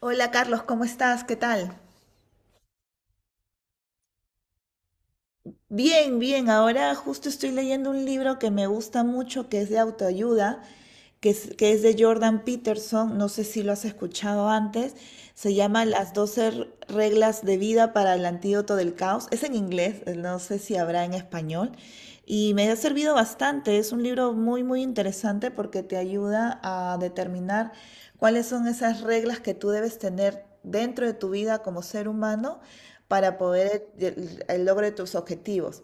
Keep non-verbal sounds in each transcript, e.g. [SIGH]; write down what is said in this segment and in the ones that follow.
Hola Carlos, ¿cómo estás? ¿Qué tal? Bien, bien. Ahora justo estoy leyendo un libro que me gusta mucho, que es de autoayuda, que es de Jordan Peterson. No sé si lo has escuchado antes. Se llama Las 12 reglas de vida para el antídoto del caos. Es en inglés, no sé si habrá en español. Y me ha servido bastante. Es un libro muy, muy interesante porque te ayuda a determinar cuáles son esas reglas que tú debes tener dentro de tu vida como ser humano para poder el logro de tus objetivos.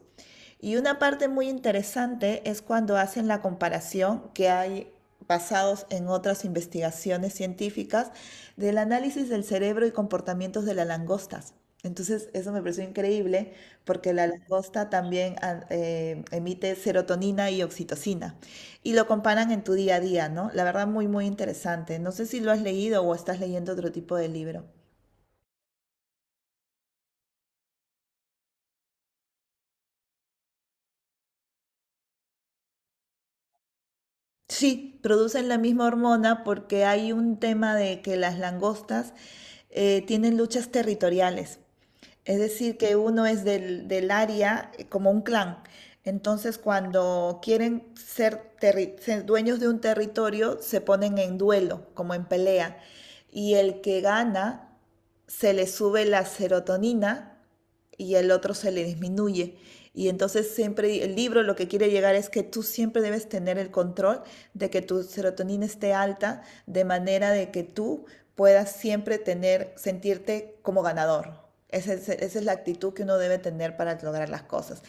Y una parte muy interesante es cuando hacen la comparación que hay basados en otras investigaciones científicas del análisis del cerebro y comportamientos de las langostas. Entonces, eso me pareció increíble porque la langosta también emite serotonina y oxitocina y lo comparan en tu día a día, ¿no? La verdad, muy, muy interesante. No sé si lo has leído o estás leyendo otro tipo de libro. Sí, producen la misma hormona porque hay un tema de que las langostas tienen luchas territoriales. Es decir, que uno es del área como un clan. Entonces, cuando quieren ser dueños de un territorio, se ponen en duelo, como en pelea. Y el que gana se le sube la serotonina y el otro se le disminuye. Y entonces siempre el libro lo que quiere llegar es que tú siempre debes tener el control de que tu serotonina esté alta, de manera de que tú puedas siempre sentirte como ganador. Esa es la actitud que uno debe tener para lograr las cosas.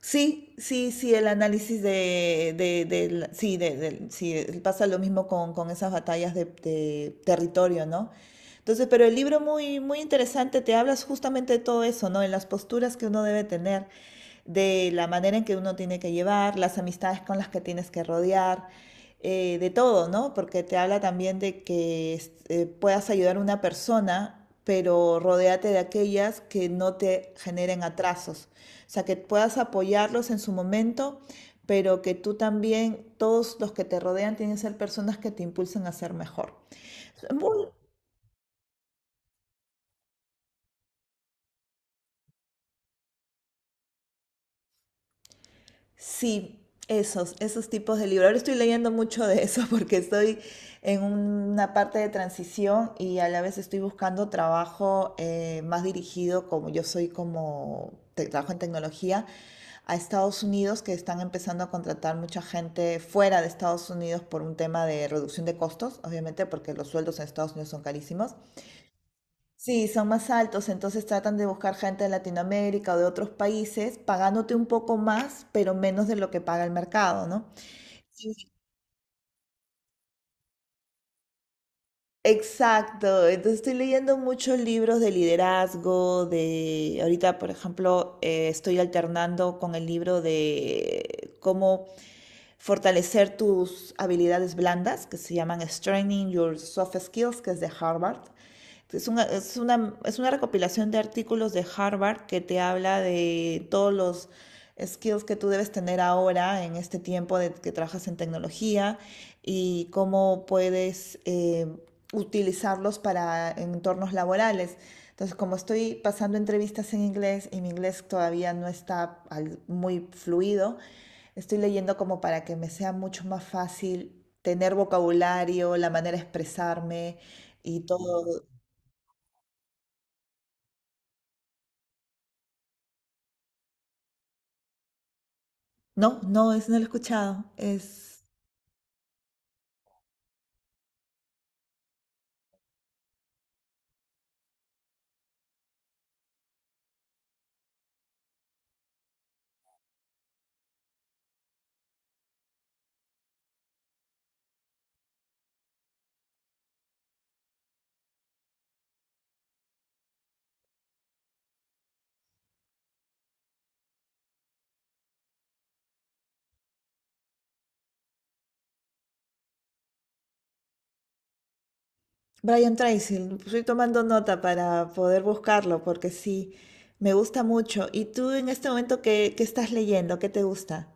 Sí, sí, sí, el análisis sí, pasa lo mismo con esas batallas de territorio, ¿no? Entonces, pero el libro muy, muy interesante, te hablas justamente de todo eso, ¿no? En las posturas que uno debe tener, de la manera en que uno tiene que llevar, las amistades con las que tienes que rodear, de todo, ¿no? Porque te habla también de que puedas ayudar a una persona, pero rodéate de aquellas que no te generen atrasos o sea, que puedas apoyarlos en su momento, pero que tú también, todos los que te rodean tienen que ser personas que te impulsen a ser mejor. Muy- sí, esos tipos de libros. Ahora estoy leyendo mucho de eso [LAUGHS] porque estoy en una parte de transición y a la vez estoy buscando trabajo más dirigido, como yo soy trabajo en tecnología, a Estados Unidos, que están empezando a contratar mucha gente fuera de Estados Unidos por un tema de reducción de costos, obviamente, porque los sueldos en Estados Unidos son carísimos. Sí, son más altos, entonces tratan de buscar gente de Latinoamérica o de otros países, pagándote un poco más, pero menos de lo que paga el mercado, ¿no? Sí. Exacto, entonces estoy leyendo muchos libros de liderazgo, de ahorita, por ejemplo, estoy alternando con el libro de cómo fortalecer tus habilidades blandas, que se llaman Strengthening Your Soft Skills, que es de Harvard. Es una recopilación de artículos de Harvard que te habla de todos los skills que tú debes tener ahora en este tiempo de que trabajas en tecnología y cómo puedes utilizarlos para entornos laborales. Entonces, como estoy pasando entrevistas en inglés y mi inglés todavía no está muy fluido, estoy leyendo como para que me sea mucho más fácil tener vocabulario, la manera de expresarme y todo. No, es no lo he escuchado. Es Brian Tracy. Estoy tomando nota para poder buscarlo porque sí, me gusta mucho. ¿Y tú en este momento qué estás leyendo? ¿Qué te gusta?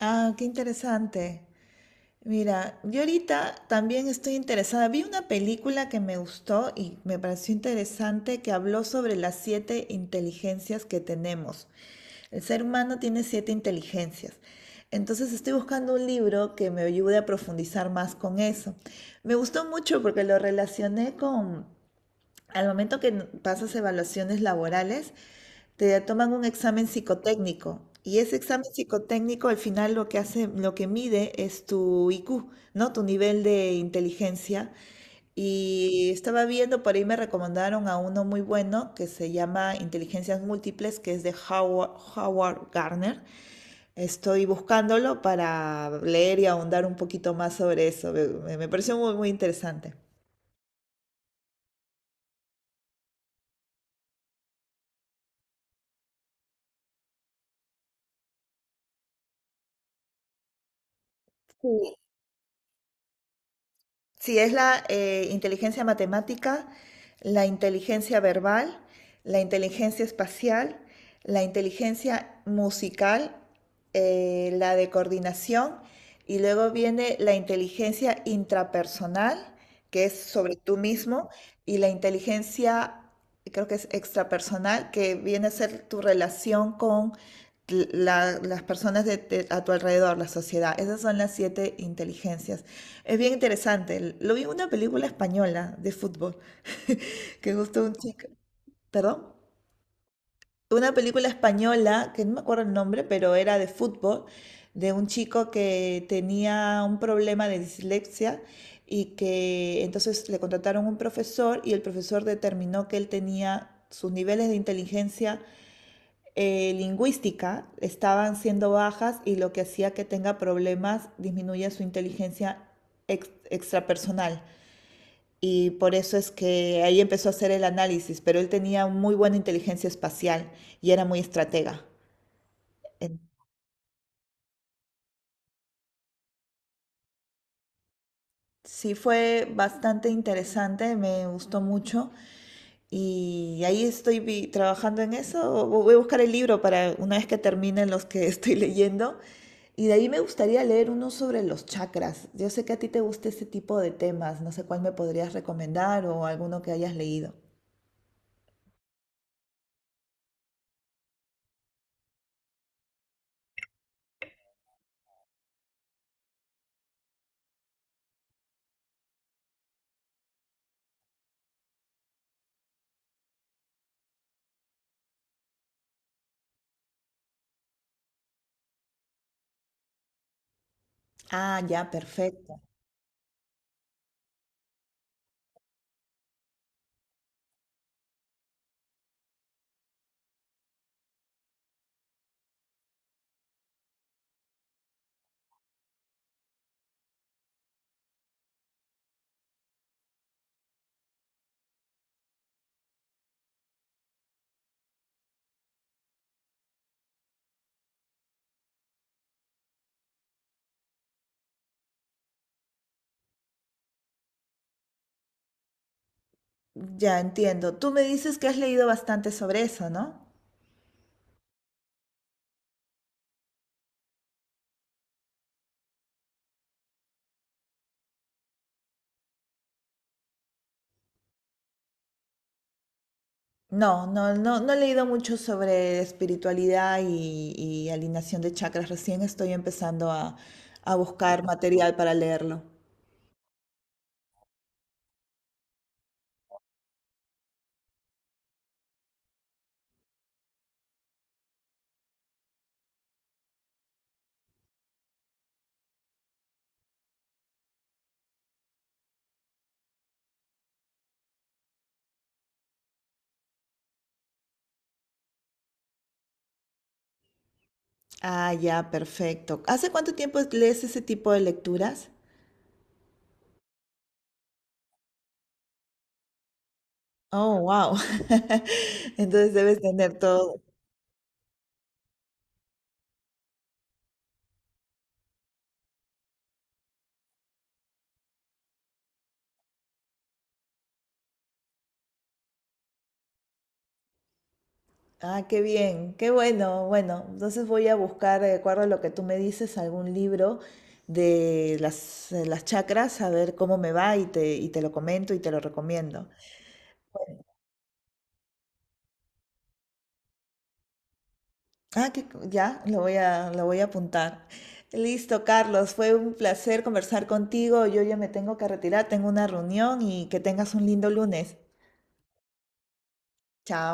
Ah, qué interesante. Mira, yo ahorita también estoy interesada. Vi una película que me gustó y me pareció interesante que habló sobre las siete inteligencias que tenemos. El ser humano tiene siete inteligencias. Entonces estoy buscando un libro que me ayude a profundizar más con eso. Me gustó mucho porque lo relacioné con, al momento que pasas evaluaciones laborales, te toman un examen psicotécnico y ese examen psicotécnico al final lo que hace, lo que mide es tu IQ, ¿no? Tu nivel de inteligencia. Y estaba viendo, por ahí me recomendaron a uno muy bueno que se llama Inteligencias Múltiples, que es de Howard Gardner. Estoy buscándolo para leer y ahondar un poquito más sobre eso. Me pareció muy, muy interesante. Sí, sí, es la inteligencia matemática, la inteligencia verbal, la inteligencia espacial, la inteligencia musical, la de coordinación y luego viene la inteligencia intrapersonal, que es sobre tú mismo, y la inteligencia, creo que es extrapersonal, que viene a ser tu relación con las personas a tu alrededor, la sociedad. Esas son las siete inteligencias. Es bien interesante. Lo vi en una película española de fútbol, [LAUGHS] que justo un chico, perdón, una película española, que no me acuerdo el nombre, pero era de fútbol, de un chico que tenía un problema de dislexia y que entonces le contrataron un profesor y el profesor determinó que él tenía sus niveles de inteligencia lingüística estaban siendo bajas y lo que hacía que tenga problemas disminuye su inteligencia extrapersonal. Y por eso es que ahí empezó a hacer el análisis, pero él tenía muy buena inteligencia espacial y era muy estratega. En- Sí, fue bastante interesante, me gustó mucho y ahí estoy trabajando en eso. Voy a buscar el libro para una vez que terminen los que [LAUGHS] estoy leyendo. Y de ahí me gustaría leer uno sobre los chakras. Yo sé que a ti te gusta ese tipo de temas, no sé cuál me podrías recomendar o alguno que hayas leído. Ah, ya, perfecto. Ya entiendo. Tú me dices que has leído bastante sobre eso, ¿no? No, no, no, no he leído mucho sobre espiritualidad y alineación de chakras. Recién estoy empezando a buscar material para leerlo. Ah, ya, perfecto. ¿Hace cuánto tiempo lees ese tipo de lecturas? Oh, wow. [LAUGHS] Entonces debes tener todo. Ah, qué bien, qué bueno. Bueno, entonces voy a buscar, de acuerdo a lo que tú me dices, algún libro de las chakras, a ver cómo me va y te lo comento y te lo recomiendo. Lo voy lo voy a apuntar. Listo, Carlos, fue un placer conversar contigo. Yo ya me tengo que retirar, tengo una reunión y que tengas un lindo lunes. Chao.